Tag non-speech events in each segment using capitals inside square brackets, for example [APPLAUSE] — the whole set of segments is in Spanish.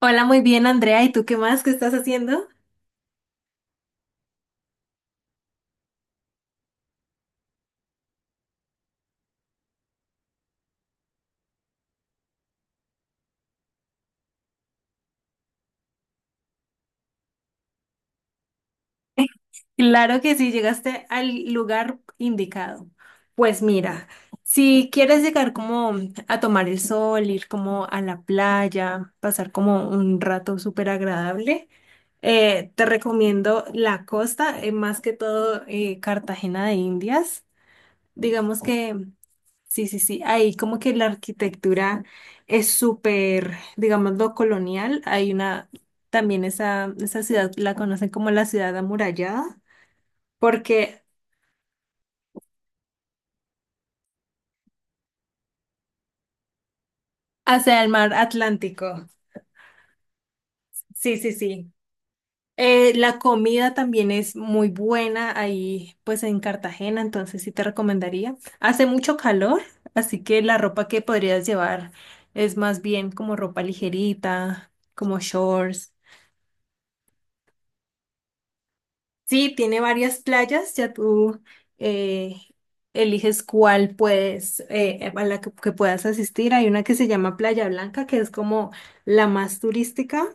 Hola, muy bien, Andrea. ¿Y tú qué más? ¿Qué estás haciendo? [LAUGHS] Claro que sí, llegaste al lugar indicado. Pues mira, si quieres llegar como a tomar el sol, ir como a la playa, pasar como un rato súper agradable, te recomiendo la costa, más que todo Cartagena de Indias. Digamos que sí, sí, sí. Ahí como que la arquitectura es súper, digámoslo, colonial. Hay una, también esa ciudad la conocen como la ciudad amurallada, porque hacia el mar Atlántico. Sí, sí, sí. La comida también es muy buena ahí, pues en Cartagena, entonces sí te recomendaría. Hace mucho calor, así que la ropa que podrías llevar es más bien como ropa ligerita, como shorts. Sí, tiene varias playas, ya tú eh, eliges cuál puedes, a la que puedas asistir. Hay una que se llama Playa Blanca, que es como la más turística,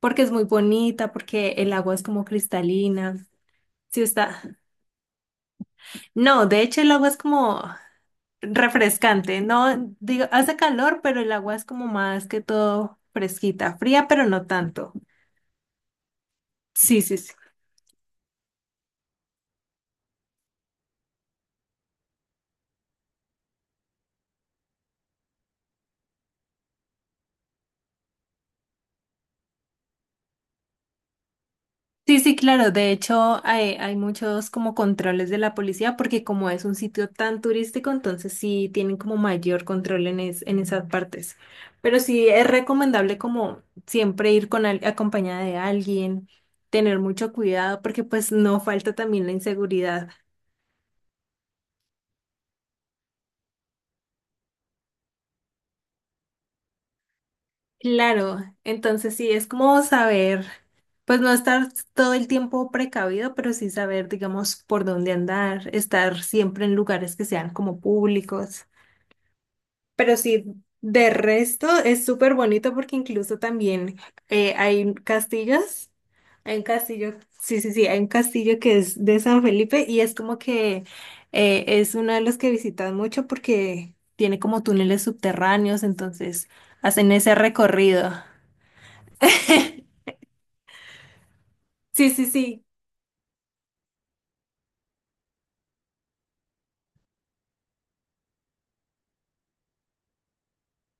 porque es muy bonita, porque el agua es como cristalina. Sí está. No, de hecho el agua es como refrescante, no, digo, hace calor, pero el agua es como más que todo fresquita, fría, pero no tanto. Sí, sí, sí. Sí, sí, claro. De hecho, hay muchos como controles de la policía porque como es un sitio tan turístico, entonces sí tienen como mayor control en, en esas partes. Pero sí es recomendable como siempre ir con acompañada de alguien, tener mucho cuidado porque pues no falta también la inseguridad. Claro, entonces sí es como saber, pues no estar todo el tiempo precavido, pero sí saber, digamos, por dónde andar, estar siempre en lugares que sean como públicos. Pero sí, de resto es súper bonito porque incluso también hay castillos. Hay un castillo, sí, sí, sí, hay un castillo que es de San Felipe y es como que es uno de los que visitan mucho porque tiene como túneles subterráneos, entonces hacen ese recorrido. [LAUGHS] Sí, sí, sí,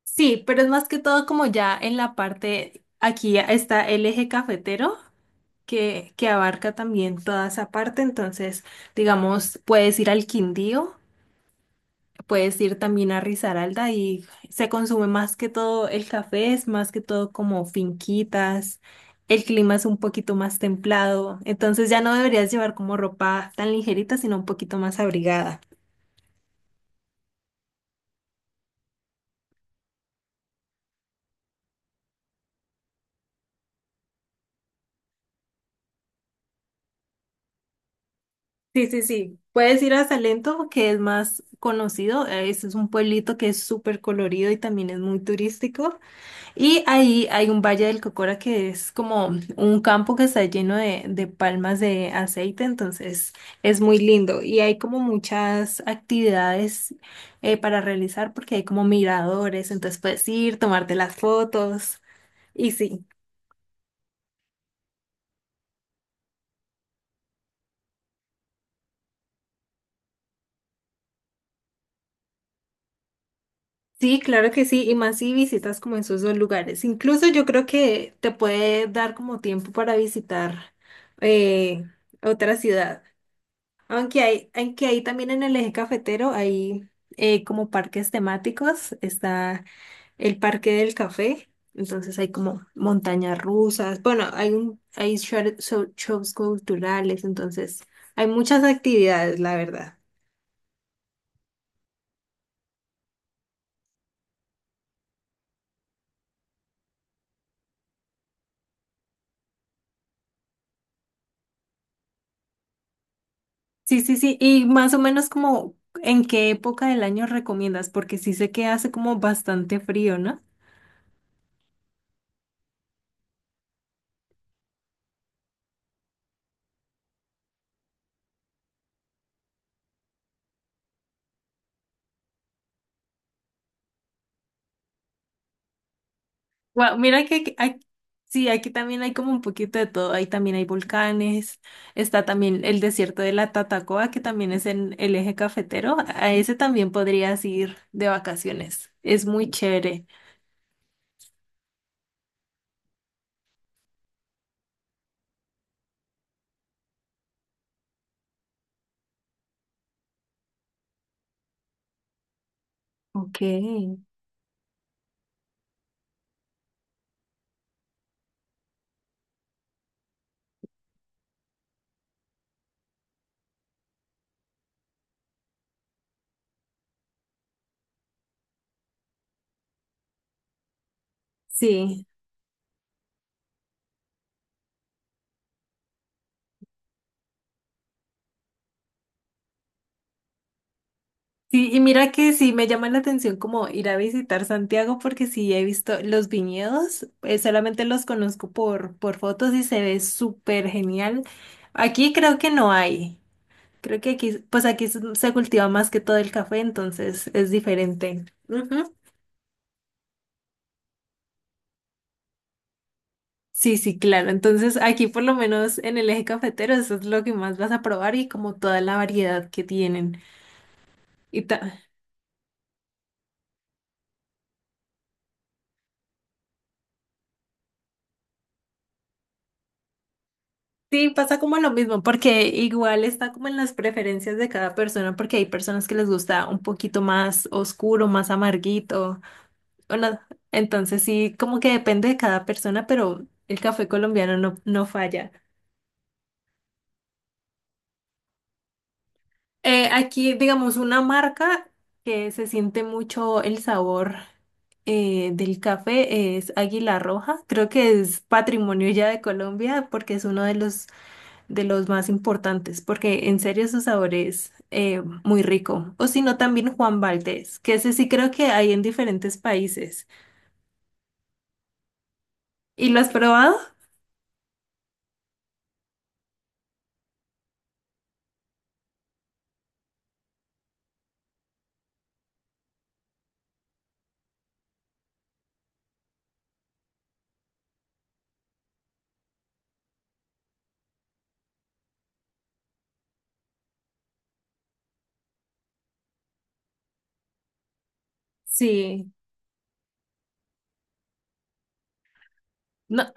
sí, pero es más que todo como ya en la parte, aquí está el eje cafetero. Que abarca también toda esa parte. Entonces, digamos, puedes ir al Quindío, puedes ir también a Risaralda y se consume más que todo el café, es más que todo como finquitas. El clima es un poquito más templado, entonces ya no deberías llevar como ropa tan ligerita, sino un poquito más abrigada. Sí, sí, sí. Puedes ir a Salento, que es más conocido. Ese es un pueblito que es súper colorido y también es muy turístico. Y ahí hay un valle del Cocora que es como un campo que está lleno de palmas de aceite, entonces es muy lindo. Y hay como muchas actividades para realizar porque hay como miradores, entonces puedes ir, tomarte las fotos y sí. Sí, claro que sí, y más si visitas como esos dos lugares. Incluso yo creo que te puede dar como tiempo para visitar eh, otra ciudad. Aunque hay, aunque ahí también en el eje cafetero hay como parques temáticos, está el Parque del Café, entonces hay como montañas rusas, bueno, hay un, hay shows culturales, entonces hay muchas actividades, la verdad. Sí, sí, sí, y más o menos como en qué época del año recomiendas, porque sí sé que hace como bastante frío, ¿no? Wow, mira que sí, aquí también hay como un poquito de todo. Ahí también hay volcanes. Está también el desierto de la Tatacoa, que también es en el eje cafetero. A ese también podrías ir de vacaciones. Es muy chévere. Ok. Sí, sí, y mira que sí me llama la atención como ir a visitar Santiago porque sí he visto los viñedos, solamente los conozco por fotos y se ve súper genial. Aquí creo que no hay. Creo que aquí, pues aquí se cultiva más que todo el café, entonces es diferente. Ujú. Sí, sí, claro. Entonces aquí por lo menos en el eje cafetero eso es lo que más vas a probar y como toda la variedad que tienen. Y ta- sí, pasa como lo mismo, porque igual está como en las preferencias de cada persona, porque hay personas que les gusta un poquito más oscuro, más amarguito. O no. Entonces sí, como que depende de cada persona, pero el café colombiano no, no falla. Aquí, digamos, una marca que se siente mucho el sabor del café es Águila Roja. Creo que es patrimonio ya de Colombia porque es uno de los más importantes, porque en serio su sabor es muy rico. O si no, también Juan Valdez, que ese sí creo que hay en diferentes países. ¿Y lo has probado? Sí. No,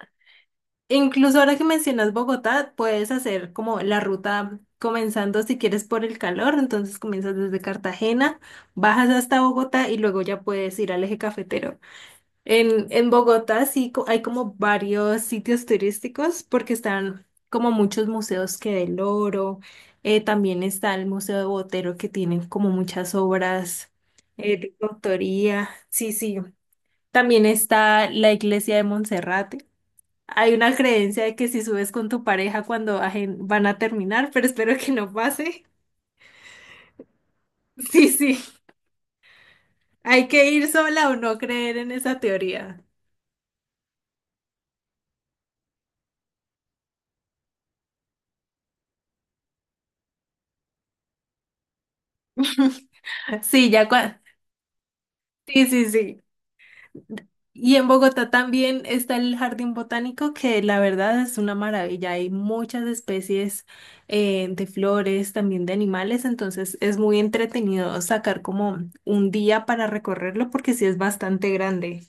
incluso ahora que mencionas Bogotá, puedes hacer como la ruta comenzando si quieres por el calor, entonces comienzas desde Cartagena, bajas hasta Bogotá y luego ya puedes ir al eje cafetero. En Bogotá sí hay como varios sitios turísticos porque están como muchos museos que del oro, también está el Museo de Botero que tienen como muchas obras de autoría, sí, sí. También está la iglesia de Monserrate. Hay una creencia de que si subes con tu pareja cuando van a terminar, pero espero que no pase. [LAUGHS] Sí, sí. Hay que ir sola o no creer en esa teoría. [LAUGHS] Sí, sí, sí, sí. Y en Bogotá también está el jardín botánico, que la verdad es una maravilla. Hay muchas especies de flores, también de animales, entonces es muy entretenido sacar como un día para recorrerlo porque sí es bastante grande.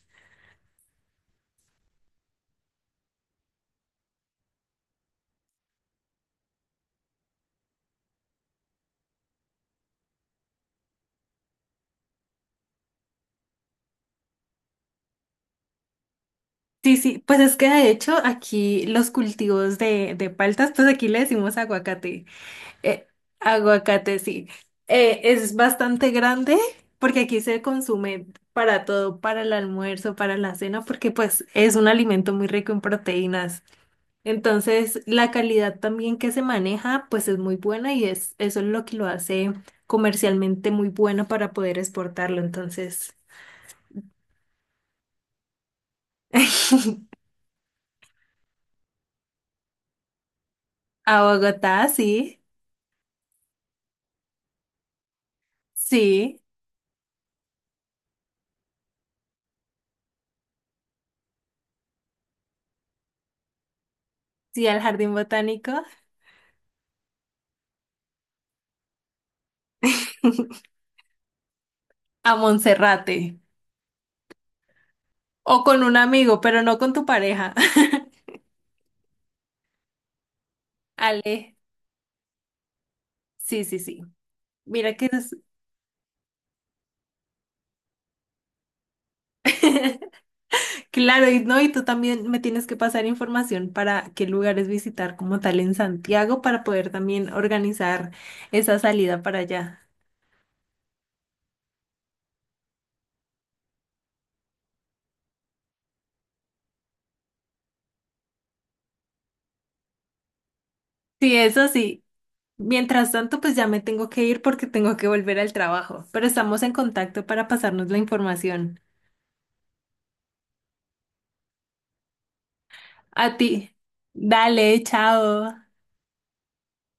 Sí, sí, pues es que de hecho aquí los cultivos de paltas, pues aquí le decimos aguacate. Eh, Aguacate, sí. Es bastante grande porque aquí se consume para todo, para el almuerzo, para la cena, porque pues es un alimento muy rico en proteínas. Entonces, la calidad también que se maneja, pues es muy buena y es, eso es lo que lo hace comercialmente muy bueno para poder exportarlo. Entonces, [LAUGHS] a Bogotá, sí, sí. Sí, al jardín botánico, [LAUGHS] a Monserrate, o con un amigo, pero no con tu pareja. [LAUGHS] Ale, sí, sí, sí. Mira que es... [LAUGHS] Claro, y no, y tú también me tienes que pasar información para qué lugares visitar como tal en Santiago para poder también organizar esa salida para allá. Sí, eso sí. Mientras tanto, pues ya me tengo que ir porque tengo que volver al trabajo, pero estamos en contacto para pasarnos la información. A ti. Dale, chao.